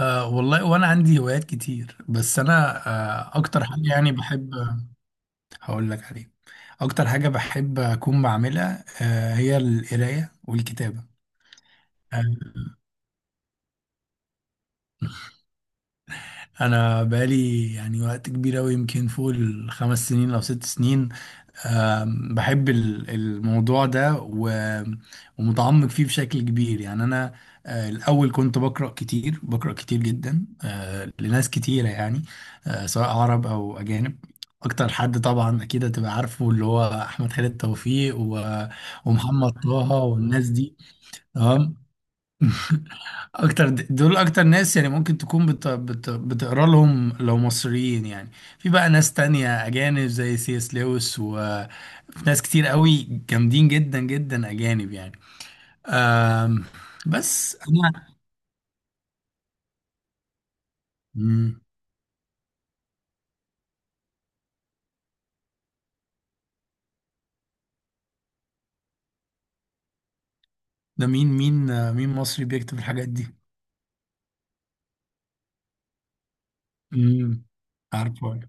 والله وانا عندي هوايات كتير، بس انا اكتر حاجه يعني بحب. هقول لك عليه. اكتر حاجه بحب اكون بعملها هي القرايه والكتابه. أه انا بقالي يعني وقت كبير اوي، يمكن فوق ال5 سنين او 6 سنين. بحب الموضوع ده ومتعمق فيه بشكل كبير. يعني أنا الأول كنت بقرأ كتير، بقرأ كتير جدا، لناس كتيرة يعني، سواء عرب أو أجانب. أكتر حد طبعا أكيد هتبقى عارفه اللي هو أحمد خالد توفيق ومحمد طه والناس دي. تمام. اكتر دول اكتر ناس يعني ممكن تكون بتقرا لهم لو مصريين يعني. في بقى ناس تانية اجانب زي سي اس لويس، وفي ناس كتير قوي جامدين جدا جدا اجانب يعني. أم... بس انا. مم. ده مين مصري بيكتب الحاجات دي؟ امم. عارفه.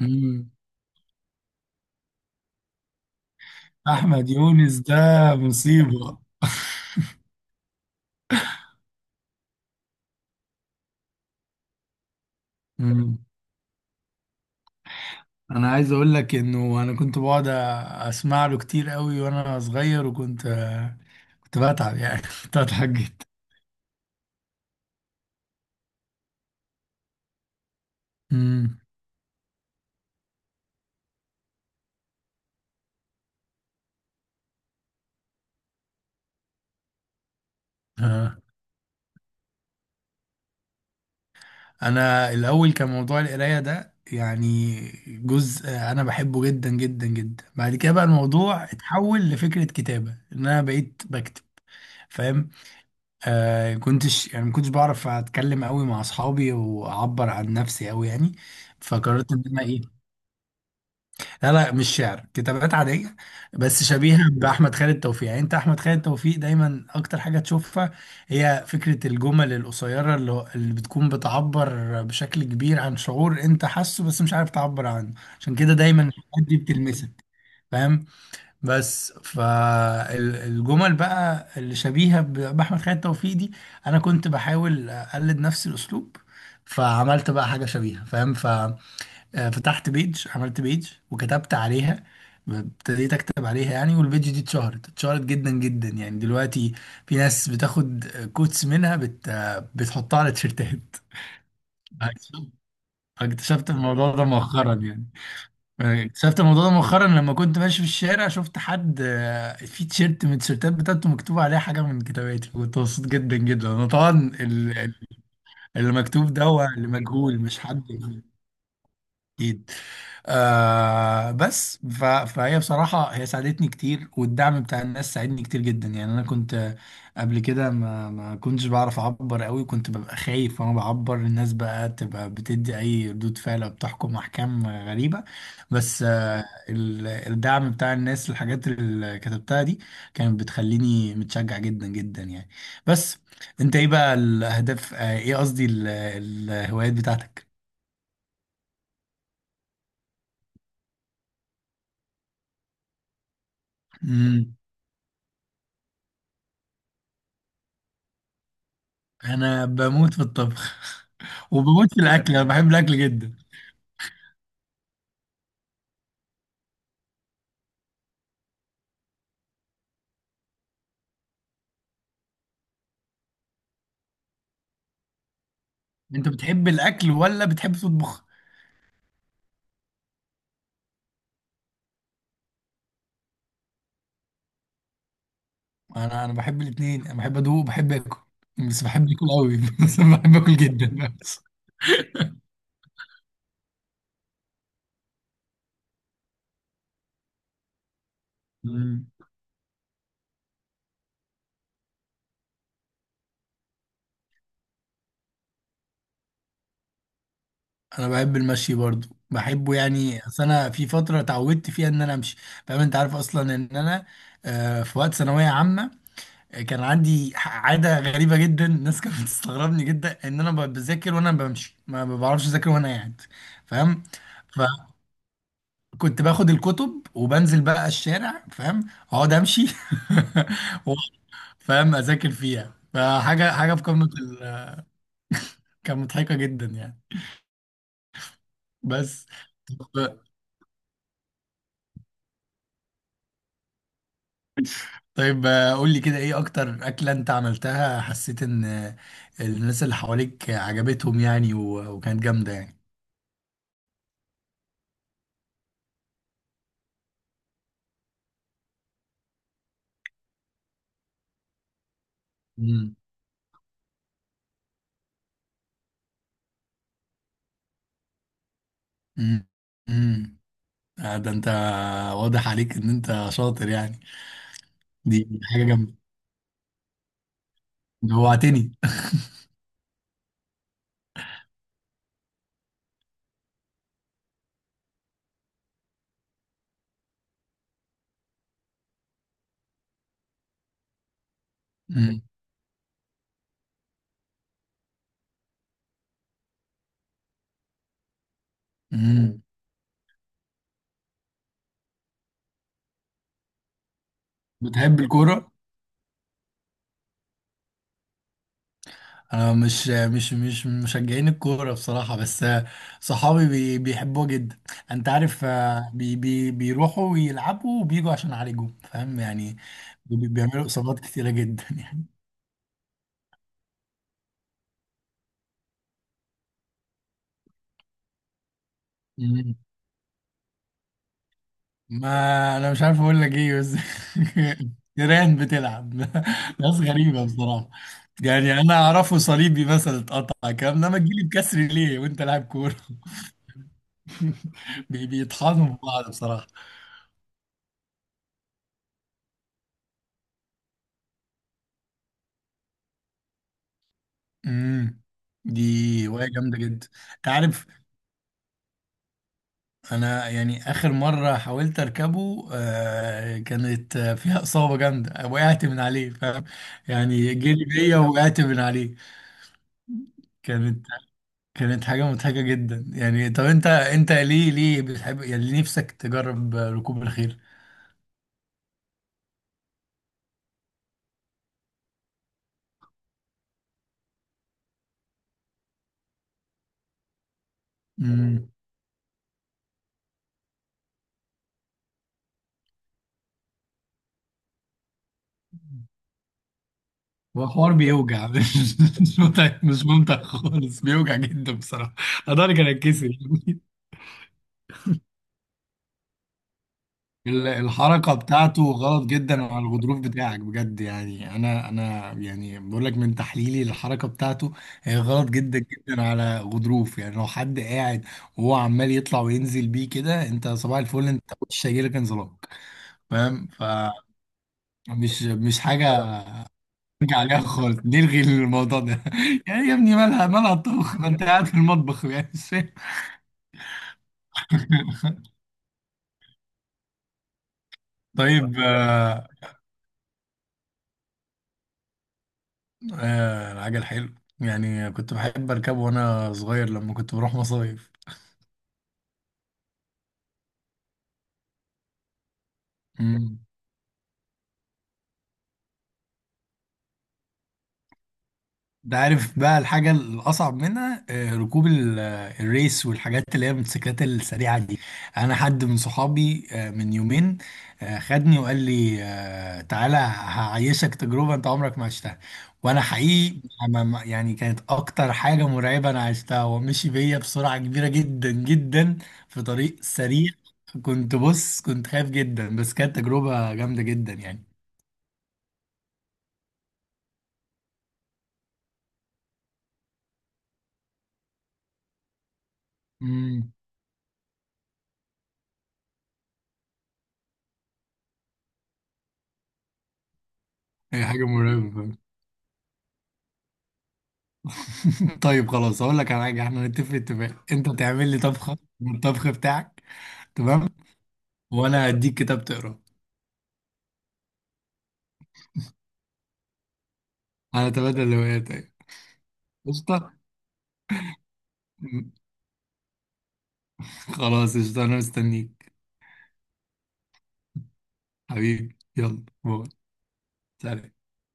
امم. احمد يونس ده مصيبة. مم. انا عايز اقول لك انه انا كنت بقعد اسمع له كتير قوي وانا صغير، وكنت كنت بتعب يعني، كنت بتعب جدا. امم. آه. انا الاول كان موضوع القرايه ده يعني جزء انا بحبه جدا جدا جدا. بعد كده بقى الموضوع اتحول لفكره كتابه، ان انا بقيت بكتب. فاهم، كنتش يعني ما كنتش بعرف اتكلم قوي مع اصحابي واعبر عن نفسي قوي يعني. فقررت ان انا ايه. لا لا، مش شعر، كتابات عادية. بس شبيهة بأحمد خالد توفيق. يعني أنت أحمد خالد توفيق دايما أكتر حاجة تشوفها هي فكرة الجمل القصيرة اللي بتكون بتعبر بشكل كبير عن شعور أنت حاسه بس مش عارف تعبر عنه. عشان كده دايما الحاجات دي بتلمسك. فاهم. بس فالجمل بقى اللي شبيهة بأحمد خالد توفيق دي، أنا كنت بحاول أقلد نفس الأسلوب. فعملت بقى حاجة شبيهة. فاهم. فتحت بيج، عملت بيج وكتبت عليها، ابتديت اكتب عليها يعني. والبيج دي اتشهرت جدا جدا يعني. دلوقتي في ناس بتاخد كوتس منها، بت... آه، بتحطها على تيشيرتات. اكتشفت الموضوع ده مؤخرا يعني. اكتشفت الموضوع ده مؤخرا، لما كنت ماشي في الشارع شفت حد في تيشيرت من التيشيرتات بتاعته مكتوب عليه حاجة من كتاباتي. كنت مبسوط جدا جدا انا طبعا. ال- ال- اللي مكتوب ده هو اللي مجهول، مش حد اكيد. فهي بصراحه هي ساعدتني كتير، والدعم بتاع الناس ساعدني كتير جدا يعني. انا كنت قبل كده ما كنتش بعرف اعبر قوي، كنت ببقى خايف وانا بعبر. الناس بقى تبقى بتدي اي ردود فعل أو بتحكم احكام غريبه. بس الدعم بتاع الناس، الحاجات اللي كتبتها دي، كانت بتخليني متشجع جدا جدا يعني. بس انت ايه بقى الاهداف، ايه قصدي الهوايات بتاعتك؟ مم. انا بموت في الطبخ وبموت في الاكل، انا بحب الاكل جدا. انت بتحب الاكل ولا بتحب تطبخ؟ انا بحب الاثنين. انا بحب ادوق وبحب اكل. بس بحب اكل قوي بس أنا بحب اكل جدا بس. مم. انا بحب المشي برضو، بحبه يعني. اصل انا في فتره اتعودت فيها ان انا امشي. فاهم، انت عارف اصلا ان انا في وقت ثانويه عامه، كان عندي عاده غريبه جدا. الناس كانت بتستغربني جدا ان انا بذاكر وانا بمشي. ما بعرفش اذاكر وانا قاعد. فاهم، كنت باخد الكتب وبنزل بقى الشارع. فاهم، اقعد امشي و- فاهم اذاكر فيها. فحاجه حاجه في قمه كانت مضحكه جدا يعني. بس طب- طيب، قول لي كده ايه اكتر اكله انت عملتها حسيت ان الناس اللي حواليك عجبتهم يعني، وكانت جامده يعني؟ امم. امم. أمم. ده انت واضح عليك ان انت شاطر يعني. دي حاجه جامده، جوعتني. امم. أمم. بتحب الكوره؟ انا مش من مشجعين الكوره بصراحه، بس صحابي بيحبوه جدا. انت عارف، آه، بي بي بيروحوا ويلعبوا وبيجوا عشان يعالجوا. فاهم يعني، بيعملوا اصابات كتيره جدا يعني. مم. ما انا مش عارف اقول لك ايه بس، تيران بتلعب. ناس غريبه بصراحه. يعني انا اعرفه صليبي مثلا اتقطع، كام انما تجيلي بكسر ليه وانت لاعب كوره؟ بيطحنوا في بعض بصراحه. امم. دي هواية جامدة جدا. انت عارف، انا يعني اخر مرة حاولت اركبه كانت فيها اصابة جامدة، وقعت من عليه. فاهم، يعني جري بيا، وقعت من عليه. كانت كانت حاجة مضحكة جدا يعني. طب انت ليه بتحب، يعني ليه نفسك تجرب ركوب الخيل؟ امم. هو حوار بيوجع، مش ممتع، مش ممتع خالص، بيوجع جدا بصراحة. اداري كان اتكسر. الحركة بتاعته غلط جدا على الغضروف بتاعك بجد. يعني انا يعني بقول لك من تحليلي، الحركة بتاعته هي غلط جدا جدا على غضروف. يعني لو حد قاعد وهو عمال يطلع وينزل بيه كده، انت صباح الفل، انت وش هيجيلك انزلاق. فاهم، فمش مش حاجة نرجع عليها خالص. نلغي الموضوع ده. يعني يا ابني مالها مالها الطبخ، ما انت قاعد في المطبخ يعني، مش فاهم. طيب، آه، العجل حلو. يعني كنت بحب اركبه وانا صغير لما كنت بروح مصايف. مم. ده عارف بقى الحاجة الأصعب منها، ركوب الريس والحاجات اللي هي الموتوسيكلات السريعة دي. أنا حد من صحابي من يومين خدني وقال لي تعالى هعيشك تجربة أنت عمرك ما عشتها. وأنا حقيقي يعني كانت أكتر حاجة مرعبة أنا عشتها، ومشي بيا بسرعة كبيرة جدا جدا في طريق سريع. بص، كنت خايف جدا، بس كانت تجربة جامدة جدا يعني. امم. هي حاجة مرعبة. طيب خلاص، اقول لك على حاجه احنا نتفق اتفاق: انت تعمل لي طبخه من الطبخ بتاعك. تمام، وانا هديك كتاب تقراه. هنتبادل الهوايات، ايوه. قشطه. خلاص قشطه، انا مستنيك. حبيبي، يلا باي. سلام.